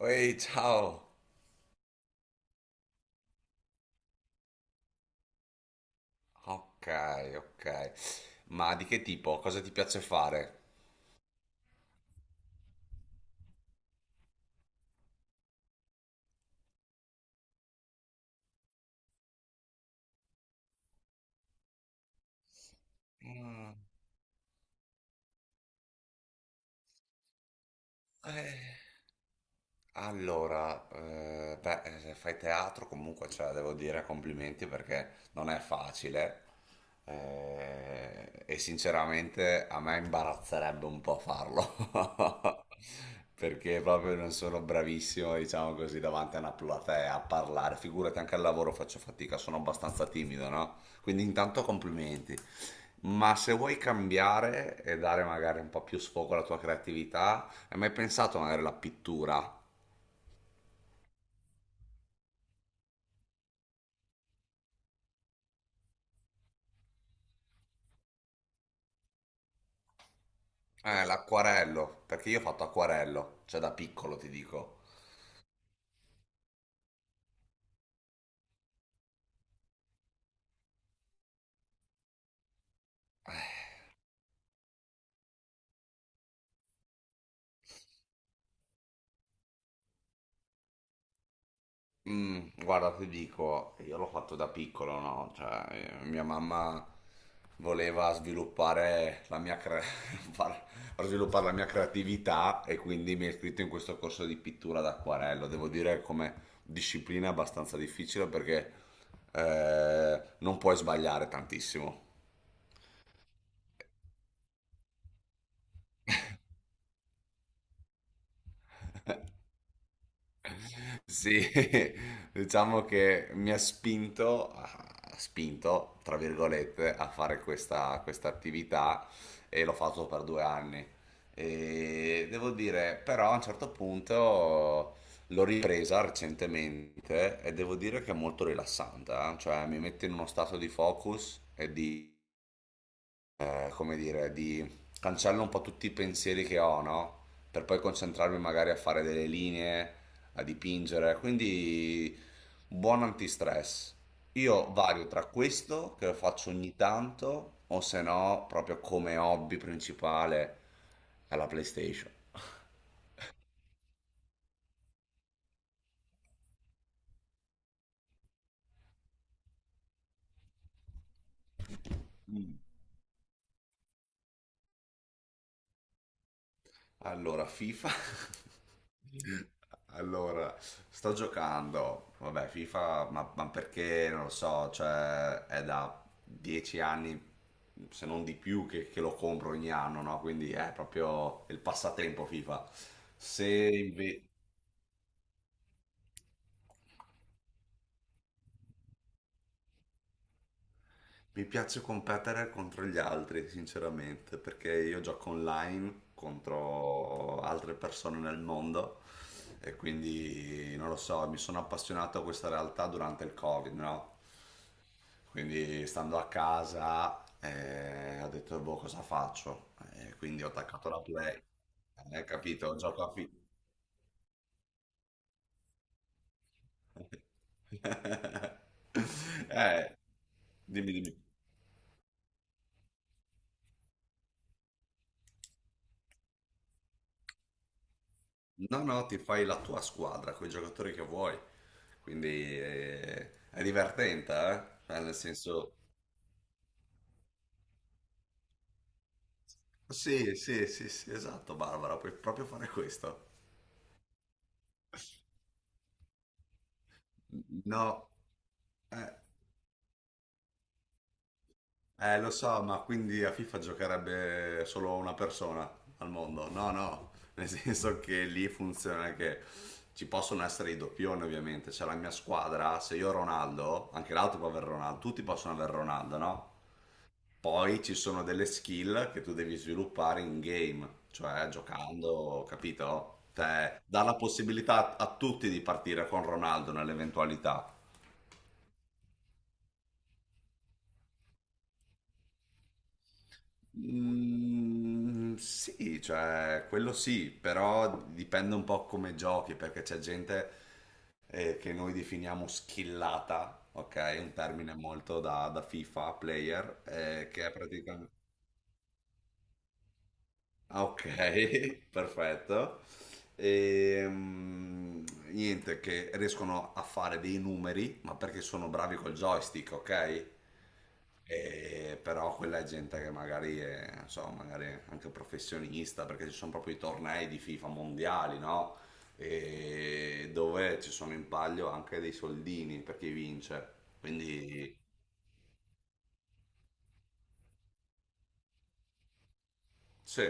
Ehi, ciao! Ok, ok. Ma di che tipo? Cosa ti piace fare? Mm, eh. Allora, beh, se fai teatro comunque, cioè, devo dire complimenti perché non è facile e sinceramente a me imbarazzerebbe un po' farlo perché proprio non sono bravissimo, diciamo così, davanti a una platea a parlare. Figurati, anche al lavoro faccio fatica, sono abbastanza timido, no? Quindi intanto complimenti. Ma se vuoi cambiare e dare magari un po' più sfogo alla tua creatività, hai mai pensato magari alla pittura? L'acquarello, perché io ho fatto acquarello, cioè da piccolo ti dico. Mm, guarda, ti dico, io l'ho fatto da piccolo, no? Cioè, mia mamma voleva sviluppare la mia, far- far sviluppare la mia creatività e quindi mi ha iscritto in questo corso di pittura d'acquarello. Devo dire come disciplina abbastanza difficile perché non puoi sbagliare tantissimo. Sì, diciamo che mi ha spinto, tra virgolette, a fare questa attività e l'ho fatto per 2 anni. E devo dire, però a un certo punto l'ho ripresa recentemente e devo dire che è molto rilassante. Cioè mi mette in uno stato di focus, come dire, di cancello un po' tutti i pensieri che ho, no? Per poi concentrarmi magari a fare delle linee, a dipingere. Quindi buon antistress. Io vario tra questo, che lo faccio ogni tanto, o se no, proprio come hobby principale alla PlayStation. Allora, FIFA. Allora, sto giocando, vabbè, FIFA, ma perché non lo so, cioè è da 10 anni, se non di più, che lo compro ogni anno, no? Quindi è proprio il passatempo FIFA. Se inve- mi piace competere contro gli altri, sinceramente, perché io gioco online contro altre persone nel mondo e quindi non lo so, mi sono appassionato a questa realtà durante il Covid, no? Quindi stando a casa, ho detto, boh, cosa faccio? E quindi ho attaccato la Play. Hai capito? Eh, dimmi, dimmi. No, no, ti fai la tua squadra con i giocatori che vuoi. Quindi è divertente, eh? Cioè, nel senso... Sì, sì, sì, sì, esatto, Barbara, puoi proprio fare questo. No, eh. Lo so, ma quindi a FIFA giocherebbe solo una persona al mondo? No, no, nel senso che lì funziona che ci possono essere i doppioni, ovviamente. C'è la mia squadra, se io ho Ronaldo, anche l'altro può avere Ronaldo, tutti possono avere Ronaldo, no? Poi ci sono delle skill che tu devi sviluppare in game, cioè giocando, capito? Cioè, dà la possibilità a tutti di partire con Ronaldo nell'eventualità. Mm, sì, cioè quello sì, però dipende un po' come giochi, perché c'è gente che noi definiamo skillata, ok? Un termine molto da FIFA player, che è praticamente... Ah, ok, perfetto. Ehm, Niente, che riescono a fare dei numeri, ma perché sono bravi col joystick, ok? E però quella è gente che magari è, non so, magari anche professionista, perché ci sono proprio i tornei di FIFA mondiali, no? E dove ci sono in palio anche dei soldini per chi vince. Quindi, sì,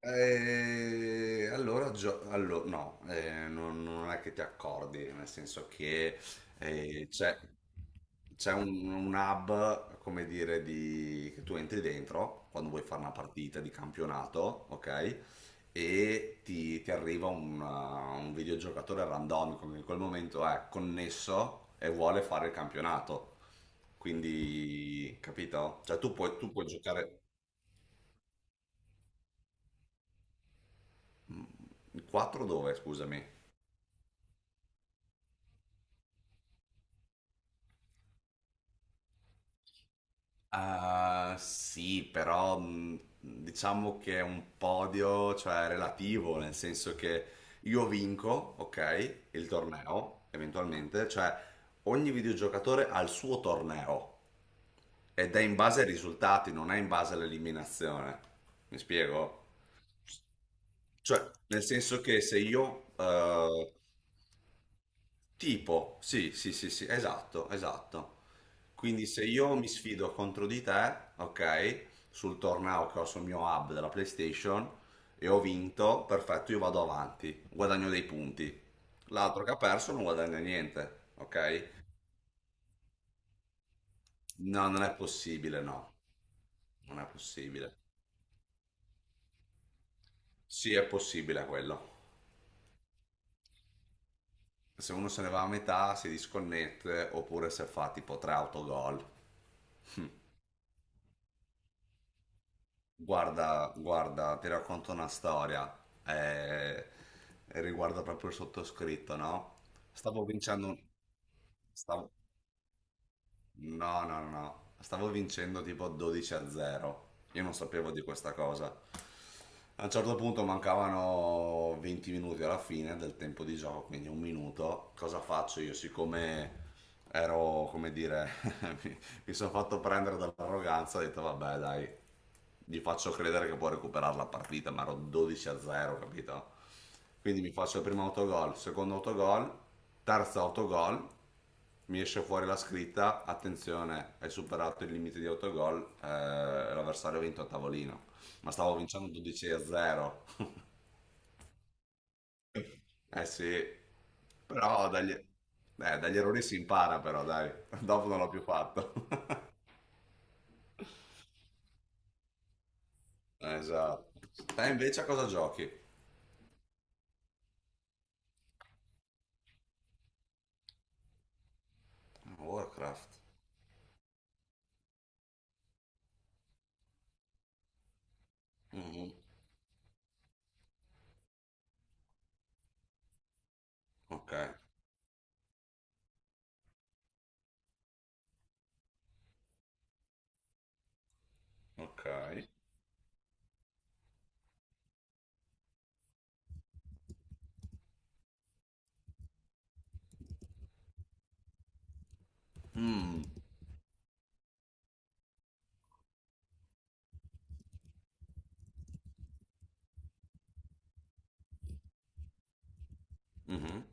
Allora, no, non è che ti accordi, nel senso che eh, c'è c'è un hub, come dire, che tu entri dentro quando vuoi fare una partita di campionato, ok? E ti arriva un videogiocatore randomico che in quel momento è connesso e vuole fare il campionato. Quindi, capito? Cioè tu puoi giocare 4 dove, scusami? Ah, sì, però diciamo che è un podio, cioè relativo, nel senso che io vinco, ok, il torneo, eventualmente, cioè ogni videogiocatore ha il suo torneo ed è in base ai risultati, non è in base all'eliminazione. Mi spiego? Cioè, nel senso che se io. Tipo, sì, sì, sì, sì, esatto, esatto. Quindi se io mi sfido contro di te, ok, sul torneo che ho sul mio hub della PlayStation e ho vinto, perfetto, io vado avanti, guadagno dei punti. L'altro che ha perso non guadagna niente, ok? No, non è possibile, no, non è possibile. Sì, è possibile quello. Se uno se ne va a metà, si disconnette, oppure se fa tipo tre autogol. Guarda, guarda, ti racconto una storia, eh, riguarda proprio il sottoscritto, no? Stavo vincendo, stavo, no, no, no, no. Stavo vincendo tipo 12-0, io non sapevo di questa cosa. A un certo punto mancavano 20 minuti alla fine del tempo di gioco, quindi un minuto, cosa faccio io? Siccome ero, come dire, mi, mi sono fatto prendere dall'arroganza, ho detto vabbè dai, gli faccio credere che può recuperare la partita, ma ero 12-0, capito? Quindi mi faccio il primo autogol, secondo autogol, terzo autogol, mi esce fuori la scritta, attenzione, hai superato il limite di autogol, l'avversario ha vinto a tavolino, ma stavo vincendo 12-0. Eh sì, però dagli errori si impara però, dai, dopo non l'ho più fatto. Esatto. Te invece a cosa giochi? Warcraft. Mhm. Ok, ok. Mm. Mhm.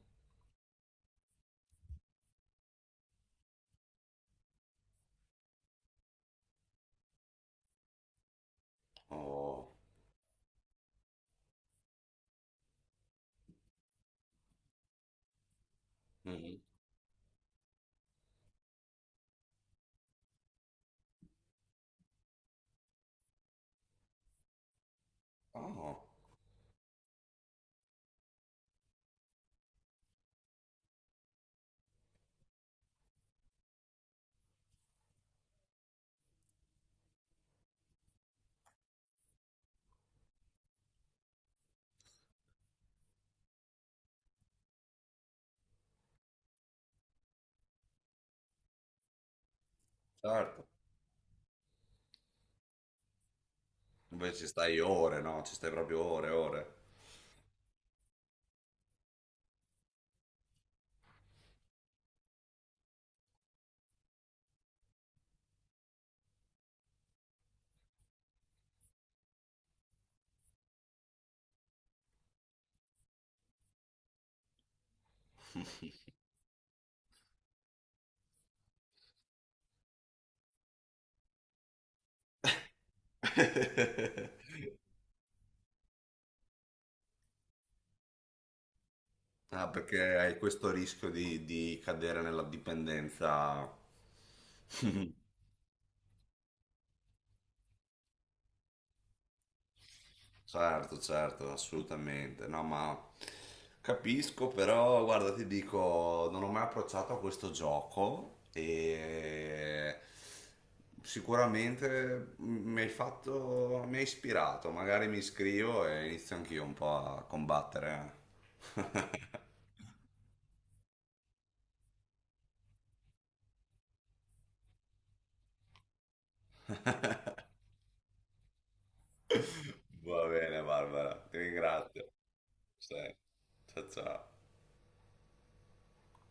Oh. Mhm. Oh, certo. Invece ci stai ore, no? Ci stai proprio ore, ore. Ah, perché hai questo rischio di cadere nella dipendenza. Certo, certo, assolutamente. No, ma capisco, però guarda, ti dico, non ho mai approcciato a questo gioco e sicuramente mi hai fatto, mi hai ispirato, magari mi iscrivo e inizio anch'io un po' a combattere. Va bene, Barbara, ti ringrazio. Sì. Ciao ciao.